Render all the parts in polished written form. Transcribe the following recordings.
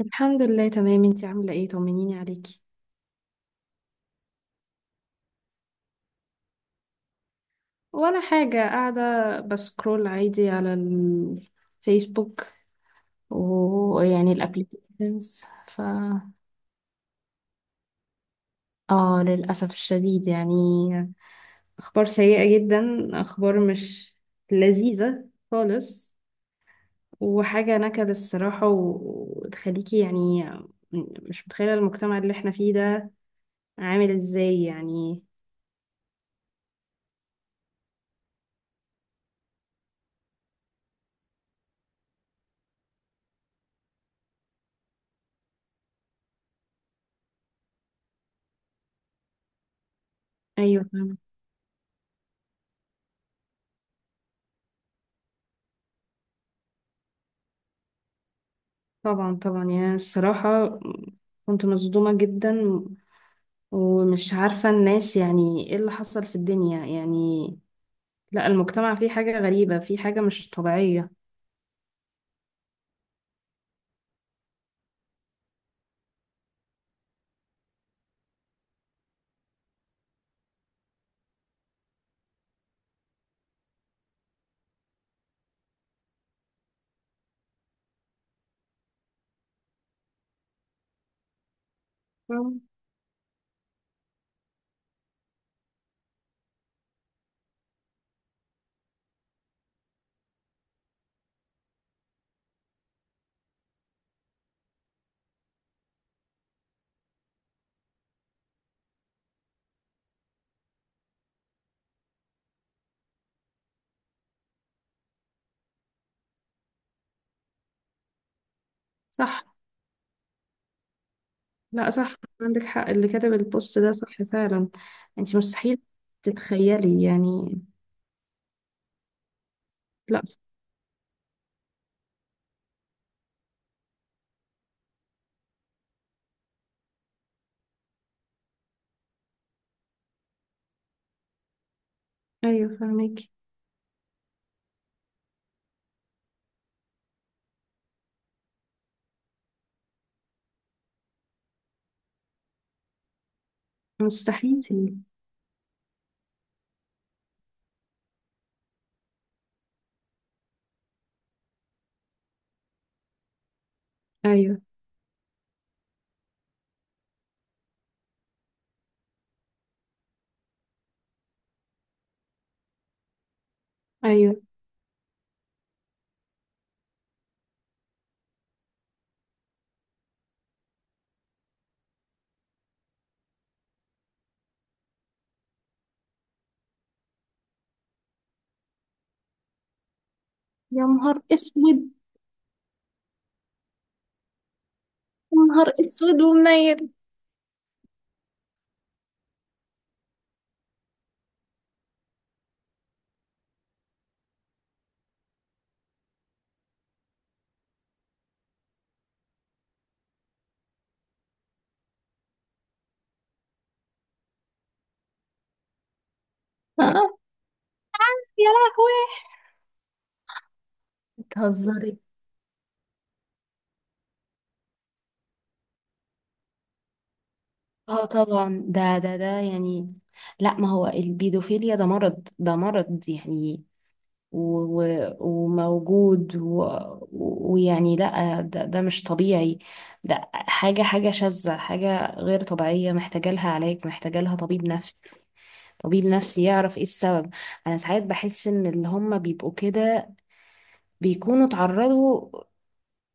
الحمد لله، تمام. انتي عاملة ايه؟ طمنيني عليكي. ولا حاجة، قاعدة بسكرول عادي على الفيسبوك ويعني الابليكيشنز. ف اه، للأسف الشديد، يعني أخبار سيئة جدا، أخبار مش لذيذة خالص. وحاجة نكد الصراحة، وتخليكي يعني مش متخيلة المجتمع اللي احنا فيه ده عامل ازاي يعني. أيوة. طبعا، طبعا، يعني الصراحة كنت مصدومة جدا، ومش عارفة الناس، يعني ايه اللي حصل في الدنيا يعني. لا، المجتمع فيه حاجة غريبة، فيه حاجة مش طبيعية. مم. صح. لا، صح، عندك حق، اللي كتب البوست ده صح فعلا. انت مستحيل تتخيلي يعني. لا. ايوه، فاهمك. مستحيل. ايوه، ايوه. يا نهار اسود! يا نهار اسود ومنيل! آه. يا لهوي! بتهزري؟ اه، طبعا. ده يعني، لا، ما هو البيدوفيليا ده مرض، ده مرض يعني. و- وموجود، ويعني لا، ده مش طبيعي. ده حاجة شاذة، حاجة غير طبيعية، محتاجة لها علاج، محتاجة لها طبيب نفسي. طبيب نفسي يعرف ايه السبب. انا ساعات بحس ان اللي هم بيبقوا كده بيكونوا اتعرضوا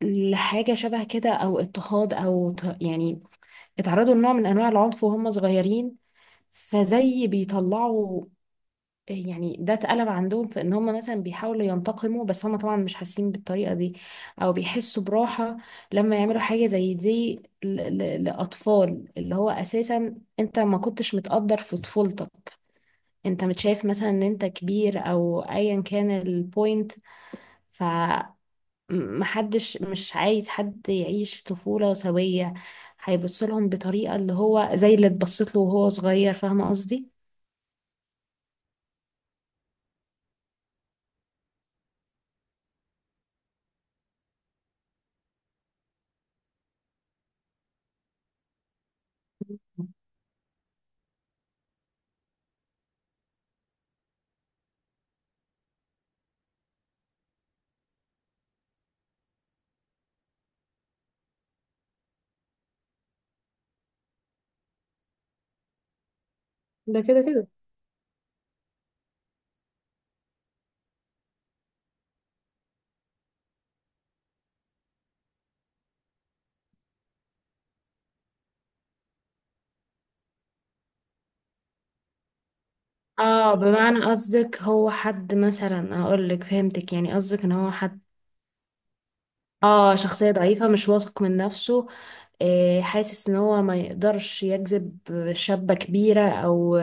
لحاجة شبه كده، او اضطهاد، او يعني اتعرضوا لنوع من انواع العنف وهم صغيرين، فزي بيطلعوا يعني. ده اتقلب عندهم في ان هم مثلا بيحاولوا ينتقموا، بس هم طبعا مش حاسين بالطريقة دي، او بيحسوا براحة لما يعملوا حاجة زي دي لأطفال. اللي هو اساسا انت ما كنتش متقدر في طفولتك، انت متشايف مثلا ان انت كبير، او ايا كان البوينت. ف محدش، مش عايز حد يعيش طفولة سوية، هيبص لهم بطريقة اللي هو زي اللي اتبصت له وهو صغير. فاهمة قصدي؟ ده كده كده. اه، بمعنى قصدك هو حد مثلا، اقول لك فهمتك يعني، قصدك ان هو حد. اه، شخصية ضعيفة، مش واثق من نفسه. آه، حاسس ان هو ما يقدرش يجذب شابة كبيرة، او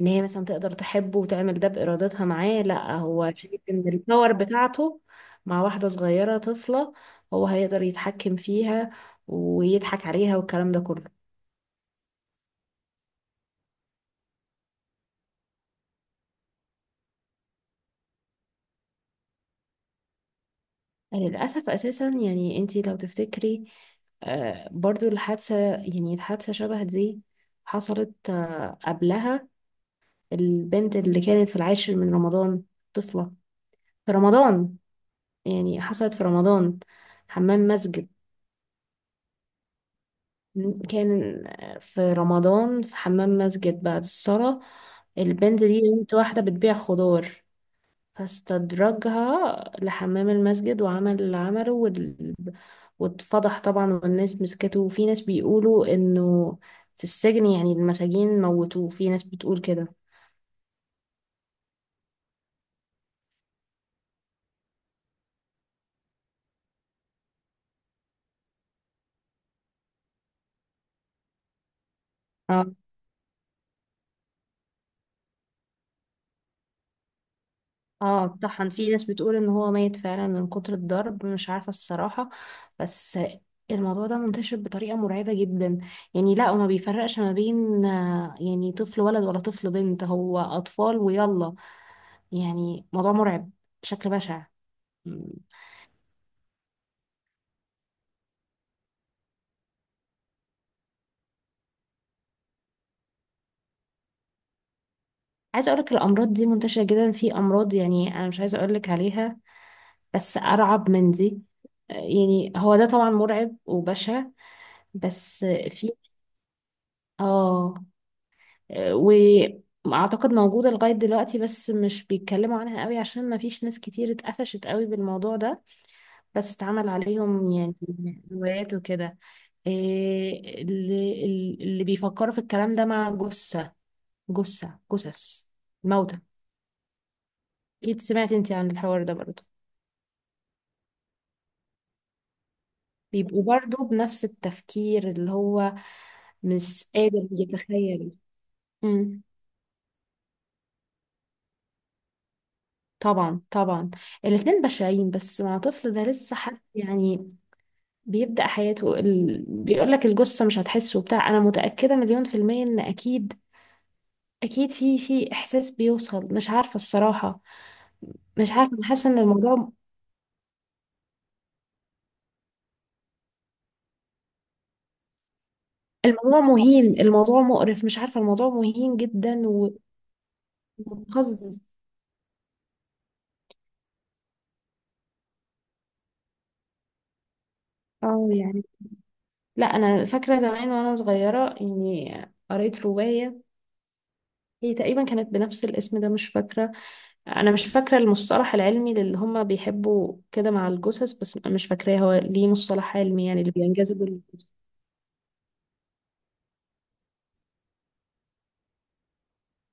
ان هي مثلا تقدر تحبه وتعمل ده بارادتها معاه. لا، هو شايف ان الباور بتاعته مع واحدة صغيرة طفلة، هو هيقدر يتحكم فيها ويضحك عليها والكلام ده كله. للأسف أساسا يعني، أنتي لو تفتكري، برضو الحادثة، يعني الحادثة شبه دي حصلت قبلها. البنت اللي كانت في العاشر من رمضان، طفلة، في رمضان، يعني حصلت في رمضان، حمام مسجد. كان في رمضان، في حمام مسجد، بعد الصلاة. البنت دي بنت واحدة بتبيع خضار، فاستدرجها لحمام المسجد وعمل اللي عمله واتفضح طبعا، والناس مسكته، وفي ناس بيقولوا انه في السجن، يعني المساجين موتوه، في ناس بتقول كده. اه، اه، طحن. في ناس بتقول ان هو ميت فعلا من كتر الضرب، مش عارفة الصراحة. بس الموضوع ده منتشر بطريقة مرعبة جدا يعني. لا، وما بيفرقش ما بين يعني طفل ولد ولا طفل بنت، هو أطفال ويلا. يعني موضوع مرعب بشكل بشع. عايزه اقولك الامراض دي منتشره جدا، في امراض يعني انا مش عايزه اقولك عليها، بس ارعب من دي. يعني هو ده طبعا مرعب وبشع، بس في اه آه، واعتقد موجوده لغايه دلوقتي، بس مش بيتكلموا عنها قوي عشان ما فيش ناس كتير اتقفشت قوي بالموضوع ده، بس اتعمل عليهم يعني روايات وكده. إيه اللي بيفكروا في الكلام ده، مع جثه، جثث الموتى. اكيد سمعتي انت عن الحوار ده برضه. بيبقوا برضو بنفس التفكير، اللي هو مش قادر يتخيل. امم. طبعا، طبعا. الاتنين بشعين، بس مع طفل ده لسه حد يعني بيبدأ حياته. بيقول لك الجثة مش هتحسه بتاع. انا متأكدة مليون% ان اكيد، اكيد في احساس بيوصل، مش عارفة الصراحة. مش عارفة، انا حاسة ان الموضوع مهين، الموضوع مقرف، مش عارفة، الموضوع مهين جدا ومقزز. اه، يعني لا، انا فاكره زمان وانا صغيره يعني، قريت روايه، هي تقريبا كانت بنفس الاسم ده، مش فاكره. انا مش فاكره المصطلح العلمي اللي هم بيحبوا كده مع الجثث، بس مش فاكراه. هو ليه مصطلح علمي يعني، اللي بينجذب للجثث.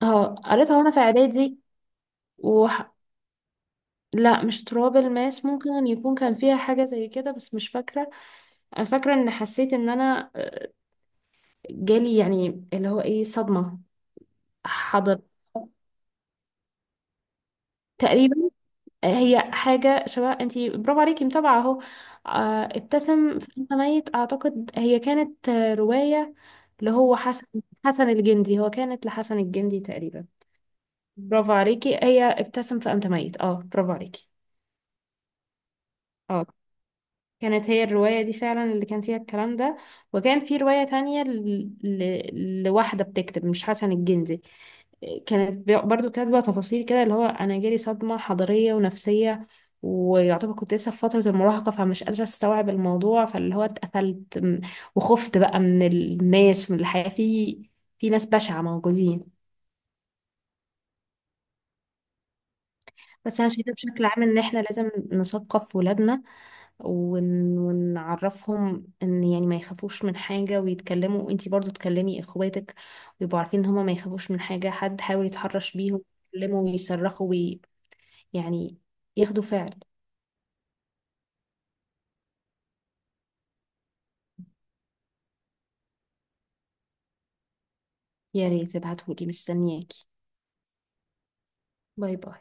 اه، قريتها وانا في اعدادي. وح... لا، مش تراب الماس، ممكن يكون كان فيها حاجه زي كده، بس مش فاكره. انا فاكره ان حسيت ان انا جالي يعني اللي هو، ايه، صدمه. حضر. تقريبا. هي حاجة شبه، انتي برافو عليكي متابعة اهو. ابتسم فانت ميت، اعتقد هي كانت رواية، اللي هو حسن الجندي، هو كانت لحسن الجندي تقريبا. برافو عليكي! هي ابتسم فانت ميت. اه، برافو عليكي! اه، كانت هي الرواية دي فعلا اللي كان فيها الكلام ده. وكان في رواية تانية لواحدة بتكتب، مش حسن الجندي. كانت برضو كاتبة تفاصيل كده، اللي هو أنا جالي صدمة حضارية ونفسية، ويعتبر كنت لسه في فترة المراهقة، فمش قادرة استوعب الموضوع، فاللي هو اتقفلت، وخفت بقى من الناس، من الحياة، في ناس بشعة موجودين. بس انا شايفه بشكل عام ان احنا لازم نثقف ولادنا ونعرفهم ان يعني ما يخافوش من حاجه ويتكلموا، وانتي برضو تكلمي اخواتك، ويبقوا عارفين ان هما ما يخافوش من حاجه. حد حاول يتحرش بيهم، يتكلموا ويصرخوا يعني ياخدوا فعل. يا ريت ابعتهولي، مستنياكي. باي باي.